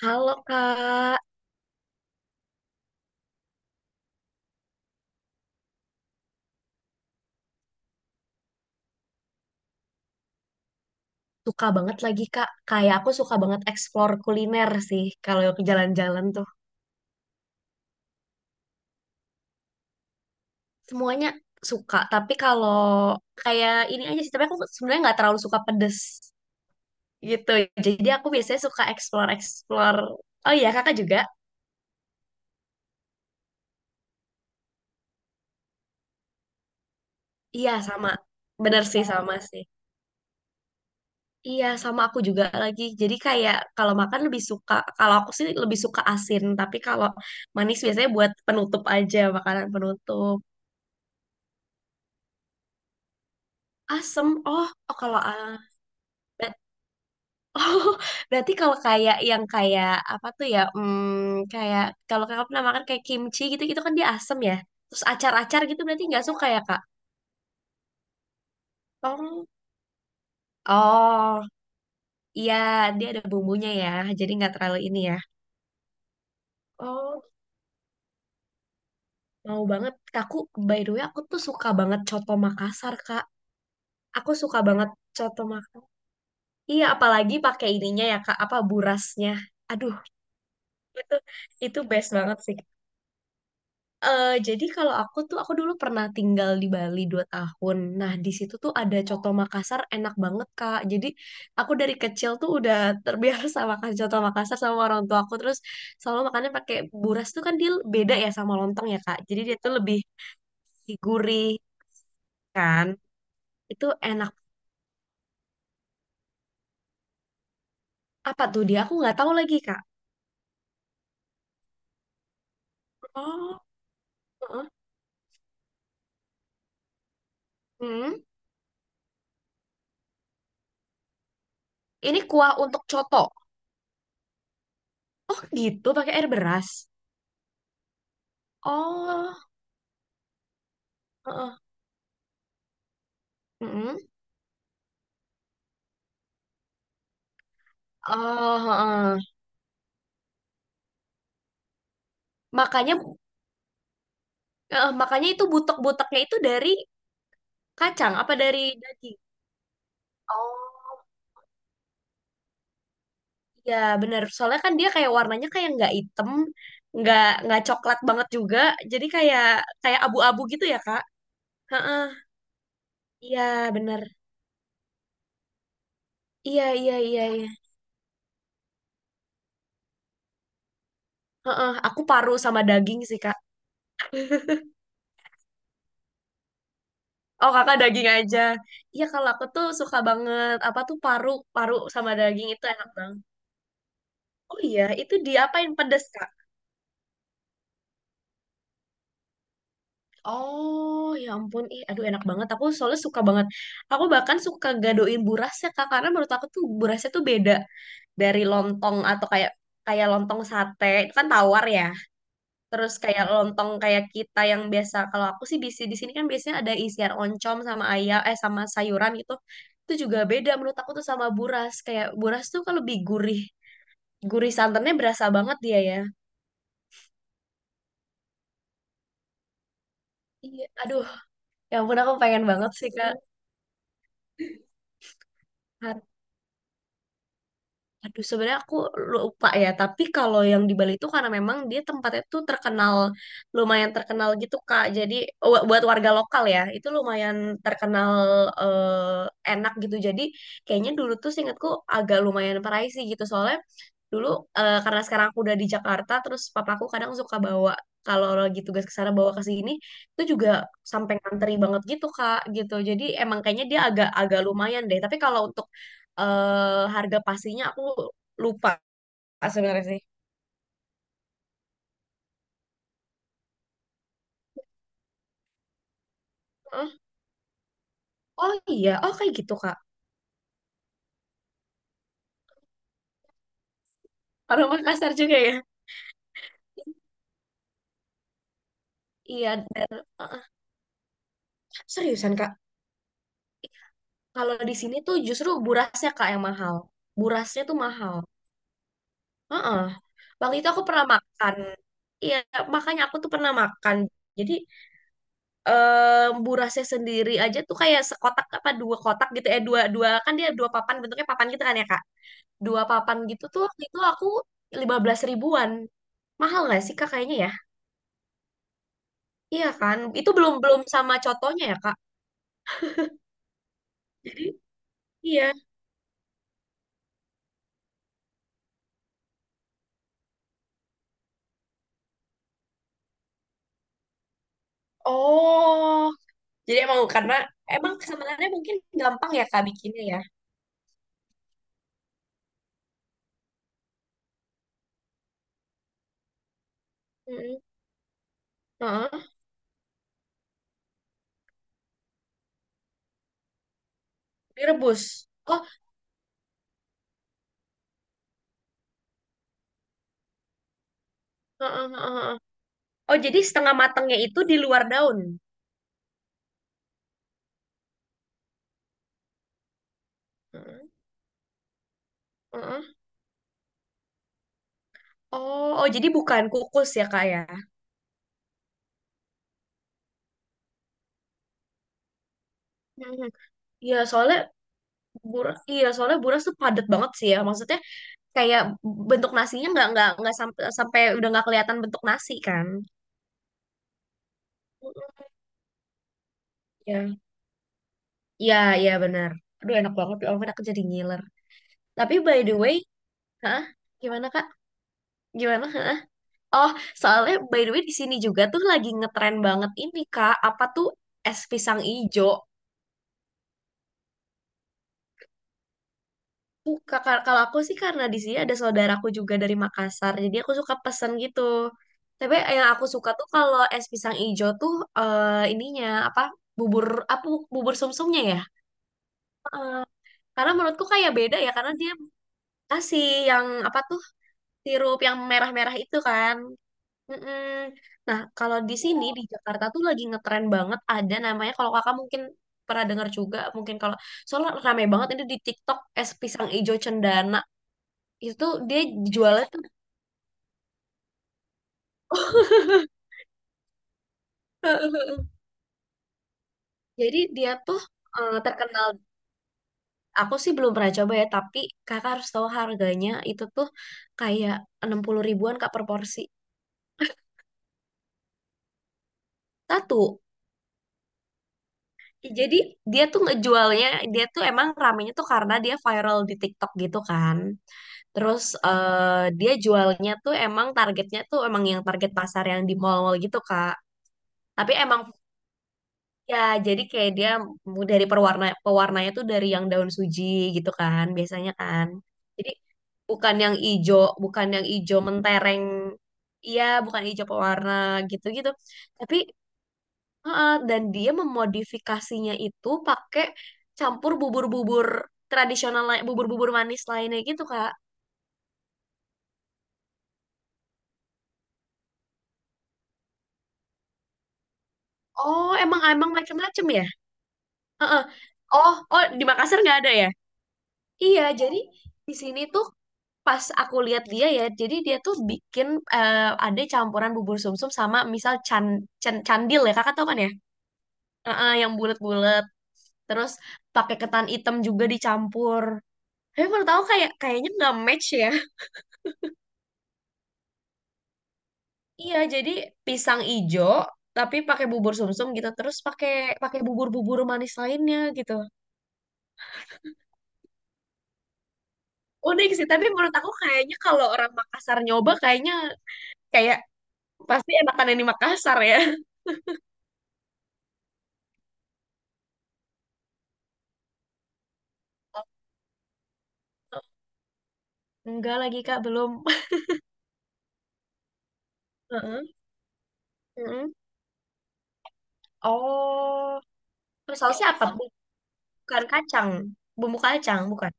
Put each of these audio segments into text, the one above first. Halo Kak, suka banget lagi Kak. Kayak aku suka banget explore kuliner sih kalau ke jalan-jalan tuh. Semuanya suka, tapi kalau kayak ini aja sih, tapi aku sebenarnya nggak terlalu suka pedes gitu. Jadi aku biasanya suka explore-explore. Oh iya, Kakak juga? Iya, sama. Bener sih, sama sih. Iya, sama aku juga lagi. Jadi kayak kalau makan lebih suka, kalau aku sih lebih suka asin, tapi kalau manis biasanya buat penutup aja, makanan penutup. Asem, oh, oh kalau Ber- Oh, berarti kalau kayak yang kayak apa tuh ya? Kayak kalau kakak pernah makan kayak kimchi gitu, gitu kan dia asem ya. Terus acar-acar gitu berarti nggak suka ya kak? Oh, oh, iya dia ada bumbunya ya, jadi nggak terlalu ini ya. Oh, mau banget. Aku by the way aku tuh suka banget coto Makassar kak. Aku suka banget coto Makassar. Iya, apalagi pakai ininya ya kak, apa burasnya. Aduh, itu itu best banget sih. Jadi kalau aku tuh, aku dulu pernah tinggal di Bali 2 tahun. Nah, di situ tuh ada coto Makassar enak banget, Kak. Jadi, aku dari kecil tuh udah terbiasa makan coto Makassar sama orang tua aku. Terus selalu makannya pakai buras tuh kan dia beda ya sama lontong ya, Kak. Jadi dia tuh lebih gurih kan. Itu enak. Apa tuh dia? Aku nggak tahu lagi, Kak. Oh, heeh. Mhm. Ini kuah untuk coto. Oh, gitu pakai air beras. Oh, heeh. Mhm. Oh, heeh. Makanya makanya itu butek-buteknya itu dari kacang apa dari daging? Oh, ya benar. Soalnya kan dia kayak warnanya kayak nggak hitam, nggak coklat banget juga. Jadi kayak kayak abu-abu gitu ya, Kak. Heeh. Iya, benar. Iya, iya, iya, iya. Heeh, aku paru sama daging sih, Kak. Oh, Kakak daging aja. Iya, kalau aku tuh suka banget apa tuh paru, paru sama daging itu enak banget. Oh iya, itu diapain pedes, Kak? Oh, ya ampun. Ih, aduh enak banget. Aku soalnya suka banget. Aku bahkan suka gadoin burasnya, Kak. Karena menurut aku tuh burasnya tuh beda dari lontong atau kayak kayak lontong sate. Itu kan tawar ya. Terus kayak lontong kayak kita yang biasa. Kalau aku sih bisi di sini kan biasanya ada isian oncom sama ayam, eh sama sayuran gitu. Itu juga beda menurut aku tuh sama buras. Kayak buras tuh kan lebih gurih. Gurih santannya berasa banget dia ya. Iya, aduh. Ya ampun aku pengen banget sih, Kak. Aduh, sebenarnya aku lupa ya, tapi kalau yang di Bali itu karena memang dia tempatnya tuh terkenal, lumayan terkenal gitu, Kak. Jadi buat warga lokal ya, itu lumayan terkenal eh, enak gitu. Jadi kayaknya dulu tuh seingatku agak lumayan pricey gitu, soalnya dulu eh, karena sekarang aku udah di Jakarta, terus papaku kadang suka bawa kalau lagi tugas ke sana bawa ke sini, itu juga sampai nganteri banget gitu, Kak, gitu. Jadi emang kayaknya dia agak agak lumayan deh. Tapi kalau untuk harga pastinya aku lupa sebenarnya sih. Heeh. Oh iya, oh kayak gitu Kak. Orang Makassar juga ya. Iya, dan heeh. Seriusan Kak, kalau di sini tuh justru burasnya Kak yang mahal. Burasnya tuh mahal. Heeh. Waktu itu aku pernah makan. Iya, makanya aku tuh pernah makan. Jadi burasnya sendiri aja tuh kayak sekotak apa 2 kotak gitu ya dua dua kan dia 2 papan bentuknya papan gitu kan ya Kak. 2 papan gitu tuh waktu itu aku 15 ribuan. Mahal nggak sih Kak kayaknya ya? Iya kan? Itu belum belum sama contohnya ya Kak? Iya. Oh, jadi emang karena emang sebenarnya mungkin gampang ya Kak bikinnya ya. Mm-mm. Heeh. Direbus. Oh, heeh, heeh, heeh. Oh, jadi setengah matangnya itu di luar daun. Heeh, heeh. Oh, oh jadi bukan kukus ya Kak ya? Mhm. Iya, soalnya iya soalnya buras tuh padat banget sih ya. Maksudnya kayak bentuk nasinya nggak sampai sampai udah nggak kelihatan bentuk nasi kan? Mhm. Iya. Iya, iya benar. Aduh enak banget ya, ampun aku jadi ngiler. Tapi by the way, hah? Gimana Kak? Gimana? Hah? Oh, soalnya by the way di sini juga tuh lagi ngetren banget ini Kak, apa tuh es pisang ijo. Tuh, Kak, kalau aku sih karena di sini ada saudaraku juga dari Makassar, jadi aku suka pesen gitu. Tapi yang aku suka tuh kalau es pisang ijo tuh ininya apa? Bubur apa bubur sumsumnya ya? Karena menurutku kayak beda ya karena dia kasih yang apa tuh sirup yang merah-merah itu kan. Mm-mm. Nah, kalau di sini di Jakarta tuh lagi ngetren banget ada namanya kalau kakak mungkin pernah dengar juga mungkin kalau soalnya rame banget ini di TikTok es pisang ijo cendana itu dia jualnya tuh jadi dia tuh terkenal aku sih belum pernah coba ya tapi kakak harus tahu harganya itu tuh kayak 60 ribuan kak per porsi satu. Jadi dia tuh ngejualnya, dia tuh emang ramenya tuh karena dia viral di TikTok gitu kan. Terus dia jualnya tuh emang targetnya tuh emang yang target pasar yang di mall-mall gitu Kak. Tapi emang ya jadi kayak dia dari pewarnanya tuh dari yang daun suji gitu kan biasanya kan. Jadi bukan yang ijo, bukan yang ijo mentereng. Iya, bukan ijo pewarna gitu-gitu. Tapi Heeh, dan dia memodifikasinya itu pakai campur bubur-bubur tradisional, bubur-bubur manis lainnya gitu, Kak. Oh, emang emang macam-macam ya? Heeh. Oh, oh di Makassar nggak ada ya? Iya, jadi di sini tuh pas aku lihat dia ya, jadi dia tuh bikin eh, ada campuran bubur sumsum sama misal candil ya, Kakak tahu kan ya? Heeh, yang bulat-bulat. Terus pakai ketan hitam juga dicampur. Tapi menurut aku kayaknya nggak match ya. Iya, jadi pisang ijo tapi pakai bubur sumsum gitu, terus pakai pakai bubur-bubur manis lainnya gitu. Unik sih, tapi menurut aku kayaknya kalau orang Makassar nyoba kayaknya kayak pasti enakan yang di Makassar ya. Enggak lagi Kak, belum. Heeh, heeh. Oh, terus sausnya apa? Bukan kacang, bumbu kacang, bukan.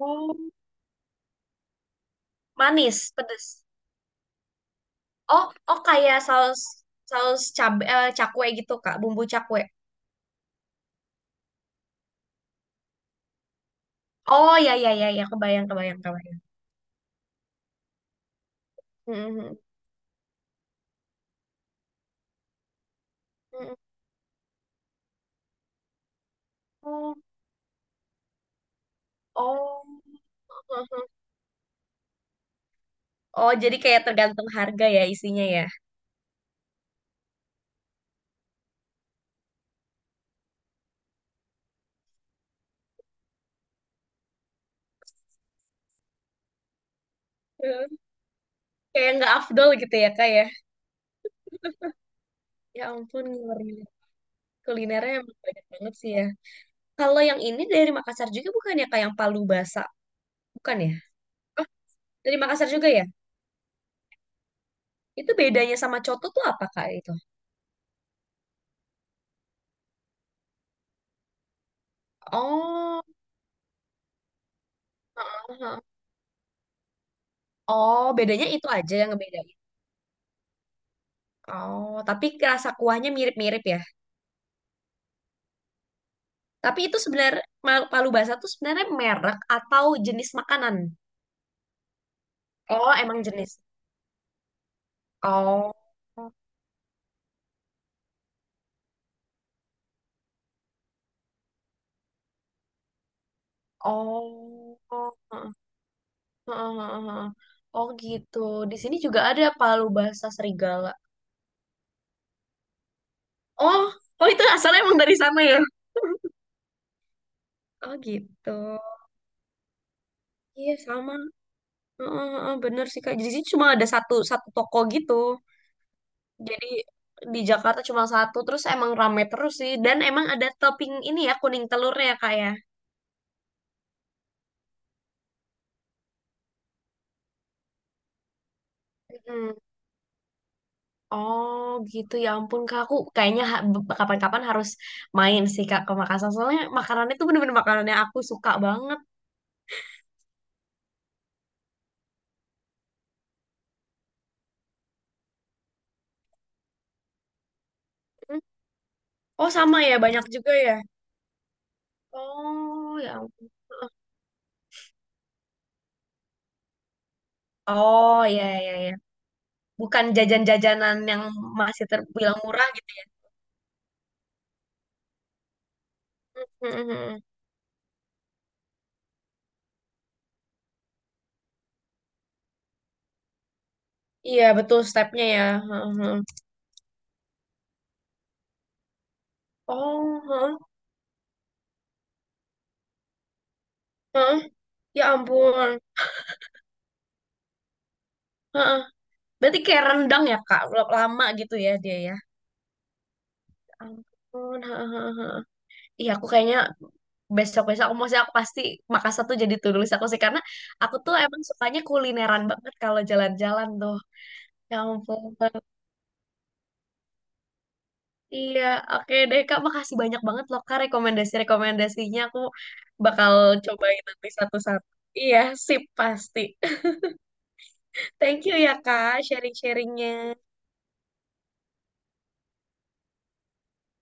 Oh, manis, pedes. Oh, oh kayak saus saus cabe, eh, cakwe gitu Kak, bumbu cakwe. Oh ya ya ya ya, kebayang kebayang kebayang. Mhm. Mhm. Oh, oh, oh, jadi kayak tergantung harga ya isinya ya. Eh, Kayak nggak afdol gitu ya kak ya. Ya ampun, ngeri. Kulinernya emang banyak banget sih ya. Kalau yang ini dari Makassar juga bukan ya kak yang Palu Basa, bukan ya? Dari Makassar juga ya? Itu bedanya sama Coto tuh apa kak itu? Oh, aha. Oh, bedanya itu aja yang ngebedain. Oh, tapi rasa kuahnya mirip-mirip ya. Tapi itu sebenarnya Palu Basa tuh sebenarnya merek atau jenis makanan? Oh, emang jenis. Oh, oh, Heeh, heeh, heeh, heeh. Oh gitu. Di sini juga ada palu bahasa serigala. Oh, oh itu asalnya emang dari sana ya? Oh gitu. Iya sama. Heeh, heeh, bener sih Kak. Jadi di sini cuma ada satu satu toko gitu. Jadi di Jakarta cuma satu. Terus emang rame terus sih. Dan emang ada topping ini ya kuning telurnya ya Kak ya. Mm. Oh gitu ya ampun kak aku kayaknya kapan-kapan harus main sih kak ke Makassar soalnya makanannya tuh bener-bener makanannya aku suka banget. Hmm. Oh sama ya banyak juga ya. Oh ya ampun. Oh ya ya ya. Bukan jajan-jajanan yang masih terbilang murah gitu. Hmm, hmm, hmm. Iya betul stepnya ya. Hmm, hmm, hmm. Oh hmm, hmm. Ya ampun. Heeh. Berarti kayak rendang ya Kak, lama gitu ya dia ya. Ya ampun. Heeh. Iya, aku kayaknya besok-besok aku maksudnya aku pasti Makassar tuh jadi to do list aku sih karena aku tuh emang sukanya kulineran banget kalau jalan-jalan tuh. Ya ampun. Iya, oke deh Kak, makasih banyak banget loh Kak rekomendasi-rekomendasinya. Aku bakal cobain nanti satu-satu. Iya, sip pasti. Thank you ya Kak sharing-sharingnya.